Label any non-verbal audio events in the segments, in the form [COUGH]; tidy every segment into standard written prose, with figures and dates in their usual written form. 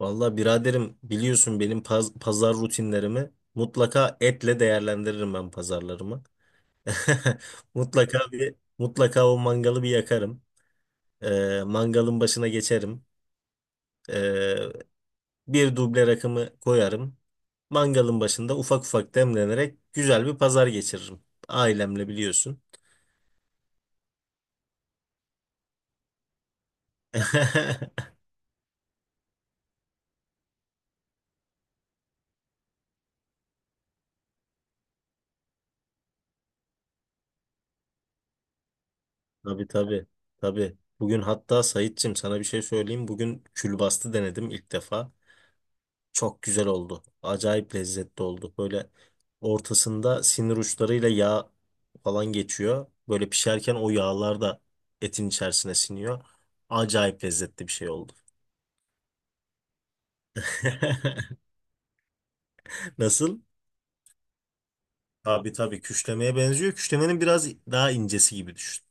Vallahi biraderim biliyorsun benim pazar rutinlerimi mutlaka etle değerlendiririm ben pazarlarımı. [LAUGHS] Mutlaka mutlaka o mangalı bir yakarım. Mangalın başına geçerim. Ee, Bir duble rakımı koyarım. Mangalın başında ufak ufak demlenerek güzel bir pazar geçiririm. Ailemle biliyorsun. [LAUGHS] Tabii tabii. Tabii. Bugün hatta Saitçim sana bir şey söyleyeyim. Bugün külbastı denedim ilk defa. Çok güzel oldu. Acayip lezzetli oldu. Böyle ortasında sinir uçlarıyla yağ falan geçiyor. Böyle pişerken o yağlar da etin içerisine siniyor. Acayip lezzetli bir şey oldu. [LAUGHS] Nasıl? Tabii tabii küşlemeye benziyor. Küşlemenin biraz daha incesi gibi düşün.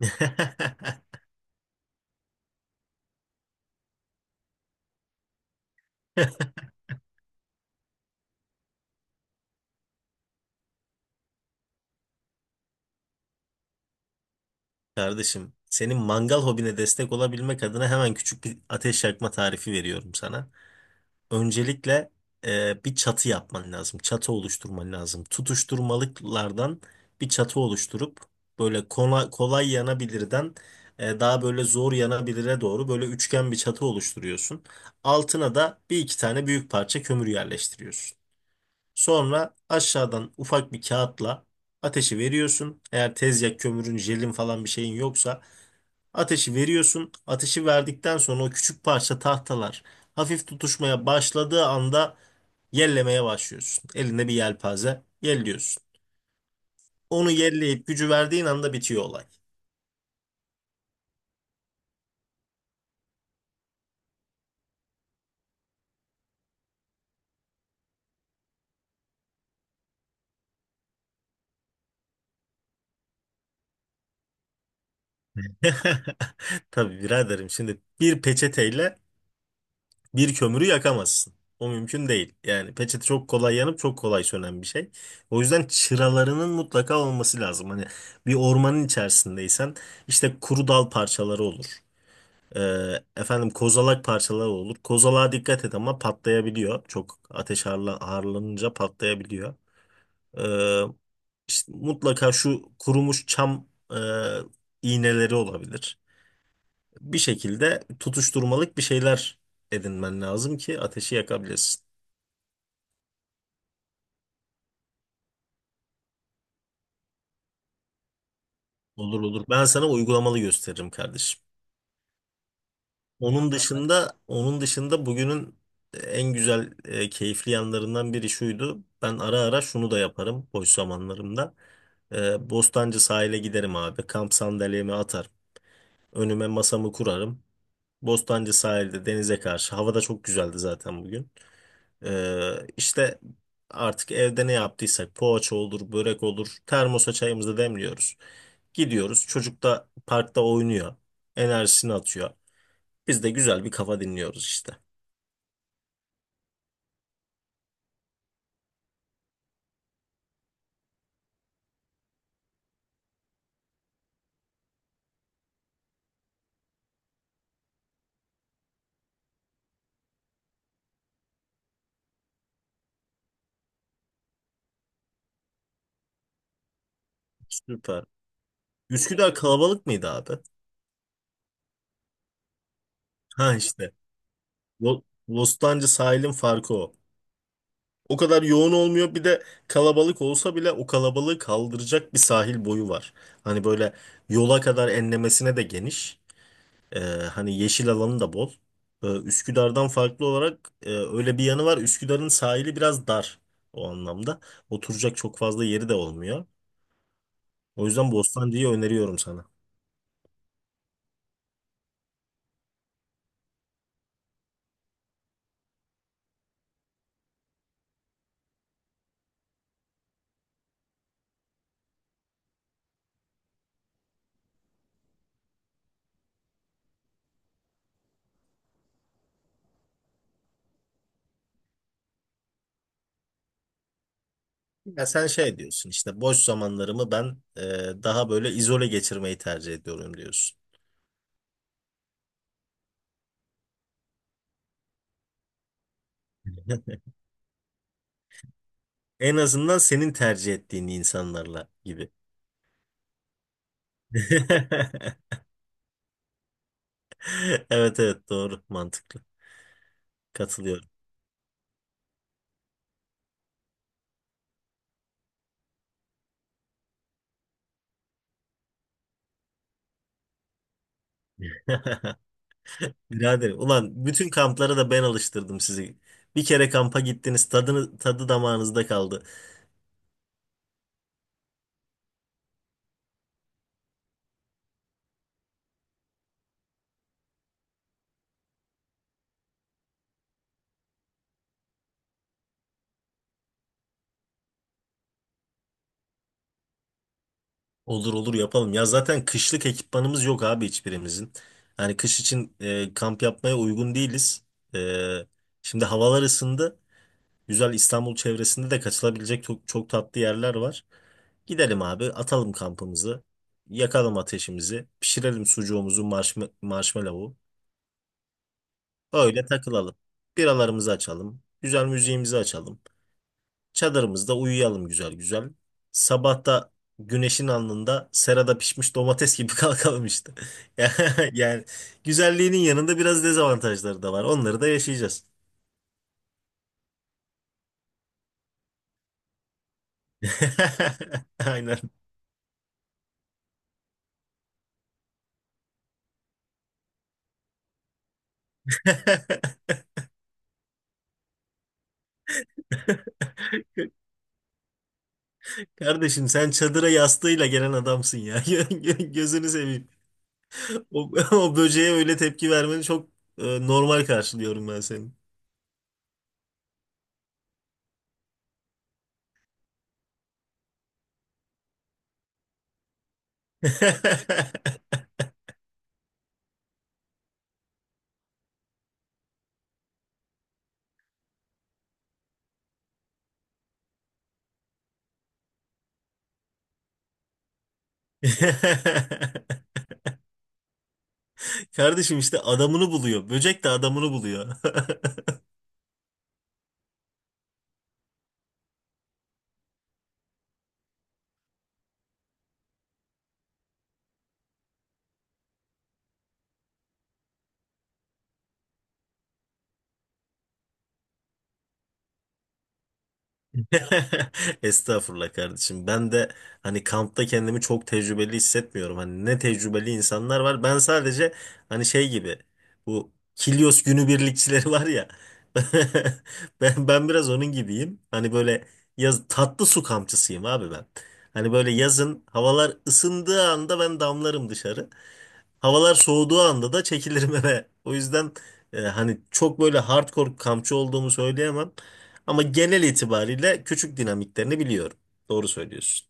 [LAUGHS] Kardeşim, senin mangal hobine destek olabilmek adına hemen küçük bir ateş yakma tarifi veriyorum sana. Öncelikle bir çatı yapman lazım. Çatı oluşturman lazım. Tutuşturmalıklardan bir çatı oluşturup böyle kolay, kolay yanabilirden daha böyle zor yanabilire doğru böyle üçgen bir çatı oluşturuyorsun. Altına da bir iki tane büyük parça kömür yerleştiriyorsun. Sonra aşağıdan ufak bir kağıtla ateşi veriyorsun. Eğer tezyak kömürün, jelin falan bir şeyin yoksa ateşi veriyorsun. Ateşi verdikten sonra o küçük parça tahtalar hafif tutuşmaya başladığı anda yellemeye başlıyorsun. Elinde bir yelpaze yelliyorsun. Onu yelleyip gücü verdiğin anda bitiyor olay. [LAUGHS] Tabii biraderim şimdi bir peçeteyle bir kömürü yakamazsın. O mümkün değil. Yani peçete çok kolay yanıp çok kolay sönen bir şey. O yüzden çıralarının mutlaka olması lazım. Hani bir ormanın içerisindeysen işte kuru dal parçaları olur. Efendim kozalak parçaları olur. Kozalağa dikkat et ama patlayabiliyor. Çok ateş harla, harlanınca patlayabiliyor. Ee, işte mutlaka şu kurumuş çam e, iğneleri olabilir. Bir şekilde tutuşturmalık bir şeyler edinmen lazım ki ateşi yakabilesin. Olur olur. Ben sana uygulamalı gösteririm kardeşim. Onun dışında bugünün en güzel keyifli yanlarından biri şuydu. Ben ara ara şunu da yaparım boş zamanlarımda. Bostancı sahile giderim abi. Kamp sandalyemi atarım. Önüme masamı kurarım. Bostancı sahilde denize karşı. Hava da çok güzeldi zaten bugün. İşte artık evde ne yaptıysak poğaça olur, börek olur. Termosa çayımızı demliyoruz. Gidiyoruz. Çocuk da parkta oynuyor. Enerjisini atıyor. Biz de güzel bir kafa dinliyoruz işte. Süper. Üsküdar kalabalık mıydı abi? Ha işte. Lo- Bostancı sahilin farkı o. O kadar yoğun olmuyor. Bir de kalabalık olsa bile o kalabalığı kaldıracak bir sahil boyu var. Hani böyle yola kadar enlemesine de geniş. Ee, Hani yeşil alanı da bol. Üsküdar'dan farklı olarak öyle bir yanı var. Üsküdar'ın sahili biraz dar o anlamda. Oturacak çok fazla yeri de olmuyor. O yüzden Bostancı'yı öneriyorum sana. Ya sen şey diyorsun işte boş zamanlarımı ben daha böyle izole geçirmeyi tercih ediyorum diyorsun. En azından senin tercih ettiğin insanlarla gibi. [LAUGHS] Evet evet doğru mantıklı. Katılıyorum. [LAUGHS] Birader, ulan bütün kamplara da ben alıştırdım sizi. Bir kere kampa gittiniz, tadını, tadı damağınızda kaldı. Olur olur yapalım. Ya zaten kışlık ekipmanımız yok abi hiçbirimizin. Hani kış için kamp yapmaya uygun değiliz. E, Şimdi havalar ısındı. Güzel İstanbul çevresinde de kaçılabilecek çok, çok tatlı yerler var. Gidelim abi, atalım kampımızı. Yakalım ateşimizi. Pişirelim sucuğumuzu, marshmallow'u. Öyle takılalım. Biralarımızı açalım. Güzel müziğimizi açalım. Çadırımızda uyuyalım güzel güzel. Sabahta güneşin alnında serada pişmiş domates gibi [LAUGHS] kalkalım işte. [LAUGHS] Yani güzelliğinin yanında biraz dezavantajları da var. Onları da yaşayacağız. [LAUGHS] Aynen. [LAUGHS] Kardeşim sen çadıra yastığıyla gelen adamsın ya. [LAUGHS] Gözünü seveyim. O, [LAUGHS] o böceğe öyle tepki vermeni çok normal karşılıyorum ben senin. [LAUGHS] Kardeşim işte adamını buluyor. Böcek de adamını buluyor. [LAUGHS] [LAUGHS] Estağfurullah kardeşim. Ben de hani kampta kendimi çok tecrübeli hissetmiyorum. Hani ne tecrübeli insanlar var. Ben sadece hani şey gibi bu Kilyos günübirlikçileri var ya. [LAUGHS] Ben biraz onun gibiyim. Hani böyle yaz tatlı su kampçısıyım abi ben. Hani böyle yazın havalar ısındığı anda ben damlarım dışarı. Havalar soğuduğu anda da çekilirim eve. O yüzden hani çok böyle hardcore kampçı olduğumu söyleyemem. Ama genel itibariyle küçük dinamiklerini biliyorum. Doğru söylüyorsun.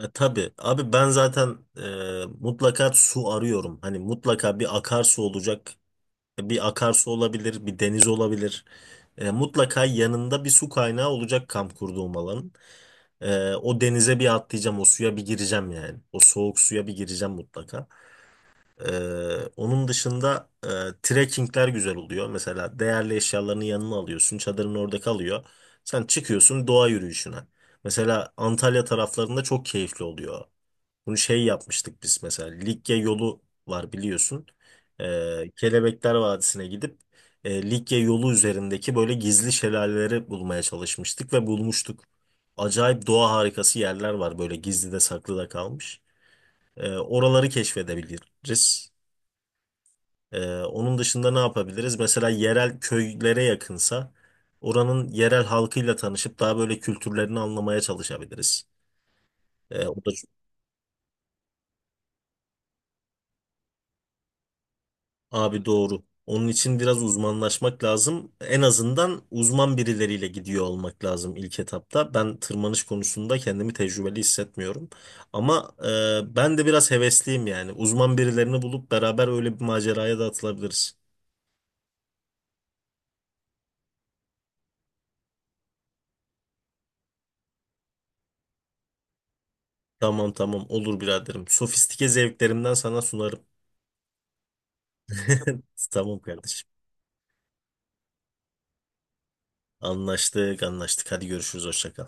Tabii abi ben zaten mutlaka su arıyorum. Hani mutlaka bir akarsu olacak. Bir akarsu olabilir, bir deniz olabilir. Mutlaka yanında bir su kaynağı olacak kamp kurduğum alanın. O denize bir atlayacağım, o suya bir gireceğim yani. O soğuk suya bir gireceğim mutlaka. Onun dışında trekkingler güzel oluyor. Mesela değerli eşyalarını yanına alıyorsun. Çadırın orada kalıyor. Sen çıkıyorsun doğa yürüyüşüne. Mesela Antalya taraflarında çok keyifli oluyor. Bunu şey yapmıştık biz mesela. Likya yolu var biliyorsun. Kelebekler Vadisi'ne gidip Likya yolu üzerindeki böyle gizli şelaleleri bulmaya çalışmıştık ve bulmuştuk. Acayip doğa harikası yerler var böyle gizli de saklı da kalmış. Oraları keşfedebiliriz. Onun dışında ne yapabiliriz? Mesela yerel köylere yakınsa oranın yerel halkıyla tanışıp daha böyle kültürlerini anlamaya çalışabiliriz. O da abi doğru. Onun için biraz uzmanlaşmak lazım. En azından uzman birileriyle gidiyor olmak lazım ilk etapta. Ben tırmanış konusunda kendimi tecrübeli hissetmiyorum. Ama ben de biraz hevesliyim yani. Uzman birilerini bulup beraber öyle bir maceraya da atılabiliriz. Tamam tamam olur biraderim. Sofistike zevklerimden sana sunarım. [LAUGHS] Tamam kardeşim. Anlaştık, anlaştık. Hadi görüşürüz. Hoşça kal.